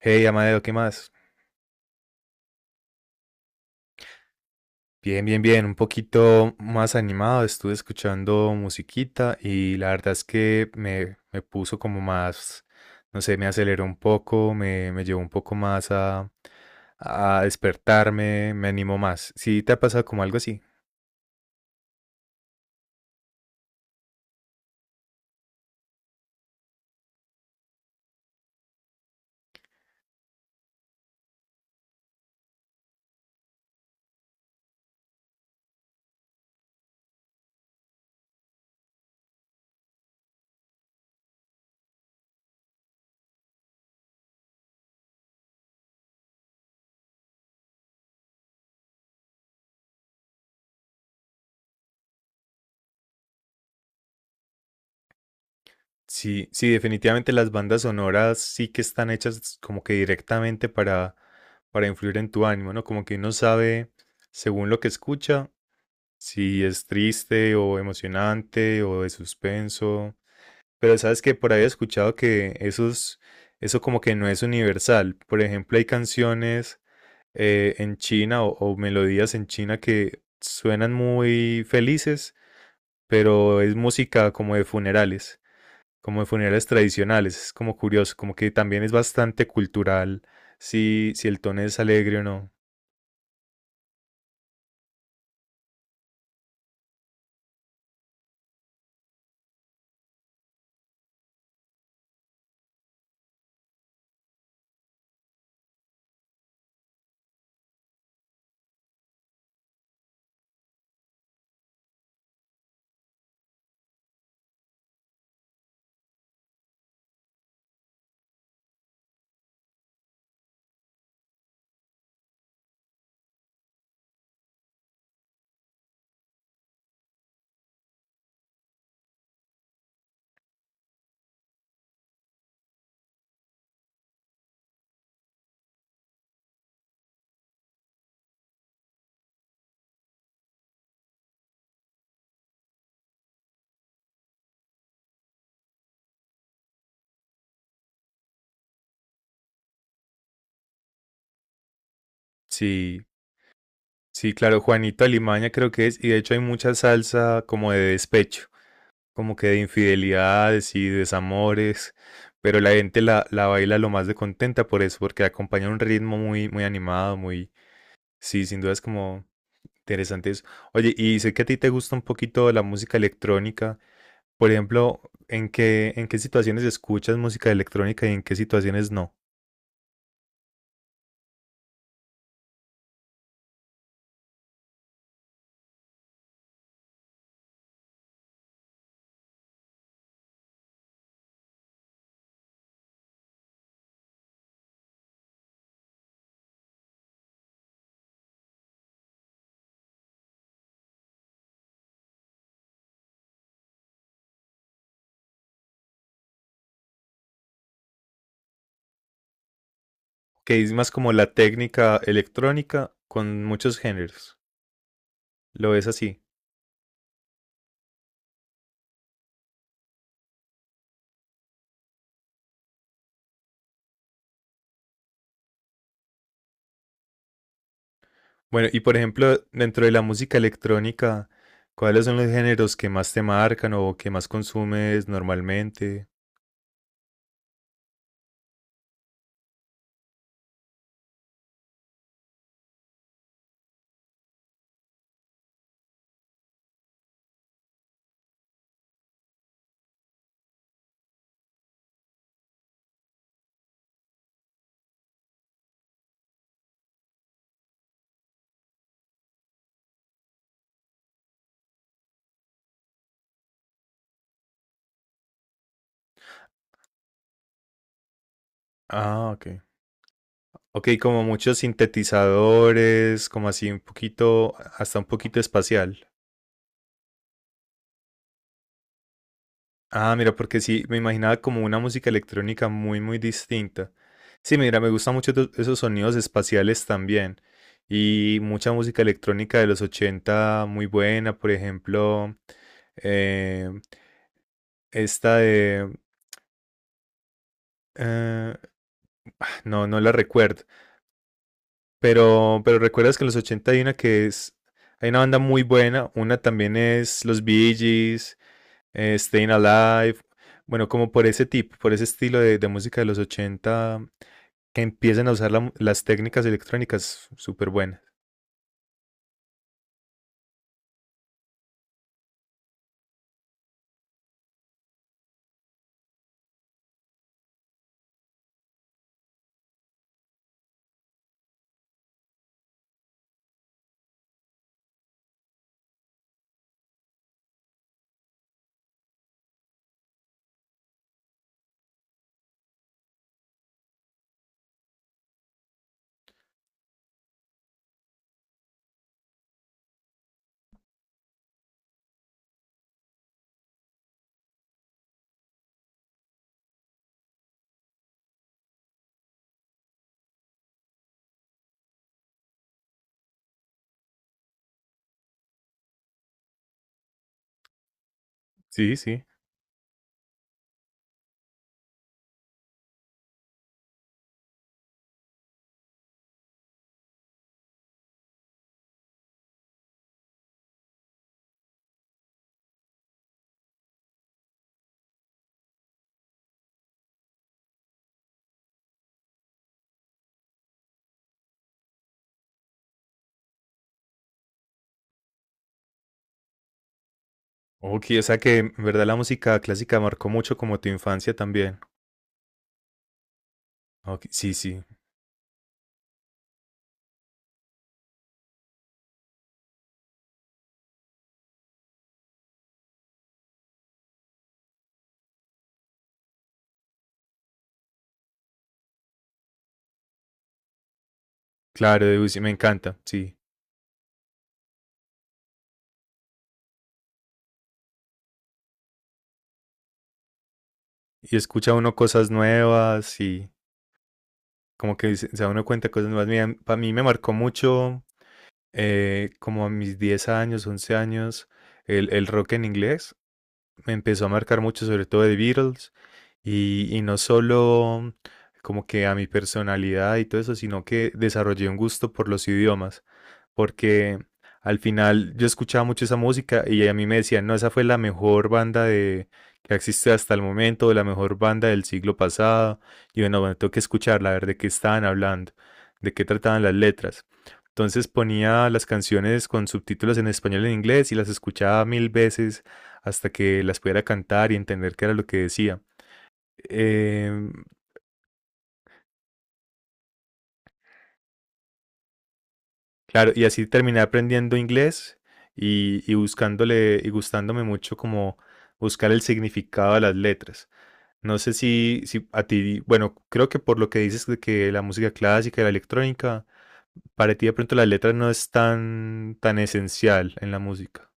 Hey, Amadeo, ¿qué más? Bien, bien, bien, un poquito más animado, estuve escuchando musiquita y la verdad es que me puso como más, no sé, me aceleró un poco, me llevó un poco más a despertarme, me animó más. ¿Sí te ha pasado como algo así? Sí, sí, definitivamente las bandas sonoras sí que están hechas como que directamente para influir en tu ánimo, ¿no? Como que uno sabe, según lo que escucha, si es triste o emocionante o de suspenso. Pero sabes que por ahí he escuchado que esos, eso como que no es universal. Por ejemplo, hay canciones en China o melodías en China que suenan muy felices, pero es música como de funerales tradicionales. Es como curioso, como que también es bastante cultural si, si el tono es alegre o no. Sí, sí, claro, Juanito Alimaña creo que es, y de hecho hay mucha salsa como de despecho, como que de infidelidades y desamores, pero la gente la baila lo más de contenta por eso, porque acompaña un ritmo muy, muy animado, muy, sí, sin duda es como interesante eso. Oye, y sé que a ti te gusta un poquito la música electrónica, por ejemplo, ¿en qué situaciones escuchas música electrónica y en qué situaciones no? ¿Que es más como la técnica electrónica con muchos géneros, lo ves así? Bueno, y por ejemplo, dentro de la música electrónica, ¿cuáles son los géneros que más te marcan o que más consumes normalmente? Ah, ok. Ok, como muchos sintetizadores, como así un poquito, hasta un poquito espacial. Ah, mira, porque sí, me imaginaba como una música electrónica muy, muy distinta. Sí, mira, me gustan mucho esos sonidos espaciales también. Y mucha música electrónica de los 80, muy buena, por ejemplo, eh, esta de Eh, no, no la recuerdo. Pero recuerdas que en los 80 hay una que es. Hay una banda muy buena. Una también es Los Bee Gees, Staying Alive. Bueno, como por ese tipo, por ese estilo de música de los 80 que empiezan a usar las técnicas electrónicas súper buenas. Sí, sí. Ok, o sea que en verdad la música clásica marcó mucho como tu infancia también. Ok, sí, sí. Claro, Debussy, me encanta, sí. Y escucha uno cosas nuevas y, como que se da uno cuenta de cosas nuevas. Mira, para mí me marcó mucho, como a mis 10 años, 11 años, el rock en inglés. Me empezó a marcar mucho, sobre todo de Beatles. Y no solo como que a mi personalidad y todo eso, sino que desarrollé un gusto por los idiomas porque al final yo escuchaba mucho esa música y a mí me decían, no, esa fue la mejor banda de, que existe hasta el momento, la mejor banda del siglo pasado. Y bueno, bueno, tengo que escucharla, a ver de qué estaban hablando, de qué trataban las letras. Entonces ponía las canciones con subtítulos en español y en inglés y las escuchaba mil veces hasta que las pudiera cantar y entender qué era lo que decía. Eh, Claro, y así terminé aprendiendo inglés y buscándole y gustándome mucho como buscar el significado de las letras. No sé si, si a ti, bueno, creo que por lo que dices de que la música clásica y la electrónica, para ti de pronto las letras no es tan, tan esencial en la música.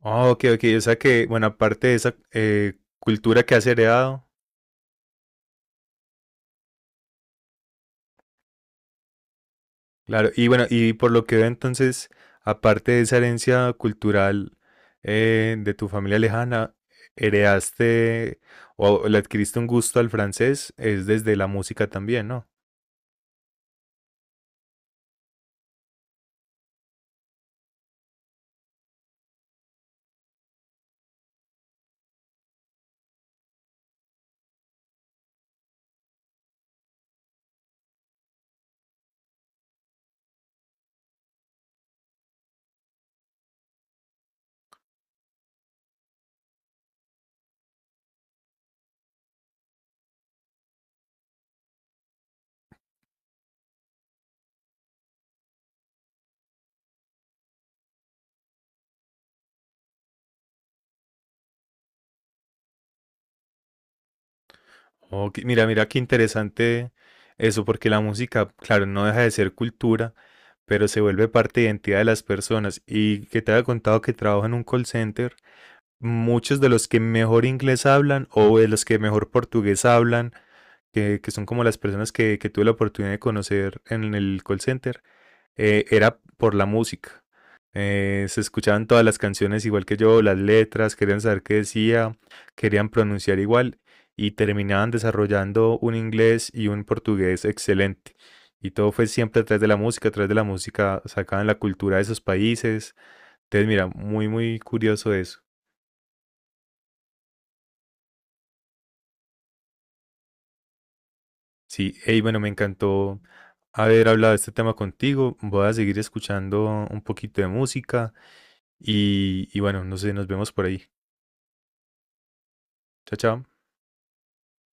Ah, ok, ok, o sea que, bueno, aparte de esa cultura que has heredado, claro, y bueno, y por lo que veo entonces, aparte de esa herencia cultural de tu familia lejana, heredaste o le adquiriste un gusto al francés, es desde la música también, ¿no? Oh, mira, mira qué interesante eso, porque la música, claro, no deja de ser cultura, pero se vuelve parte de identidad de las personas. Y que te había contado que trabajo en un call center, muchos de los que mejor inglés hablan o de los que mejor portugués hablan, que son como las personas que tuve la oportunidad de conocer en el call center, era por la música. Se escuchaban todas las canciones igual que yo, las letras, querían saber qué decía, querían pronunciar igual y terminaban desarrollando un inglés y un portugués excelente. Y todo fue siempre atrás de la música, atrás de la música, sacaban la cultura de esos países. Entonces, mira, muy, muy curioso eso. Sí, hey, bueno, me encantó haber hablado de este tema contigo. Voy a seguir escuchando un poquito de música y bueno, no sé, nos vemos por ahí. Chao, chao.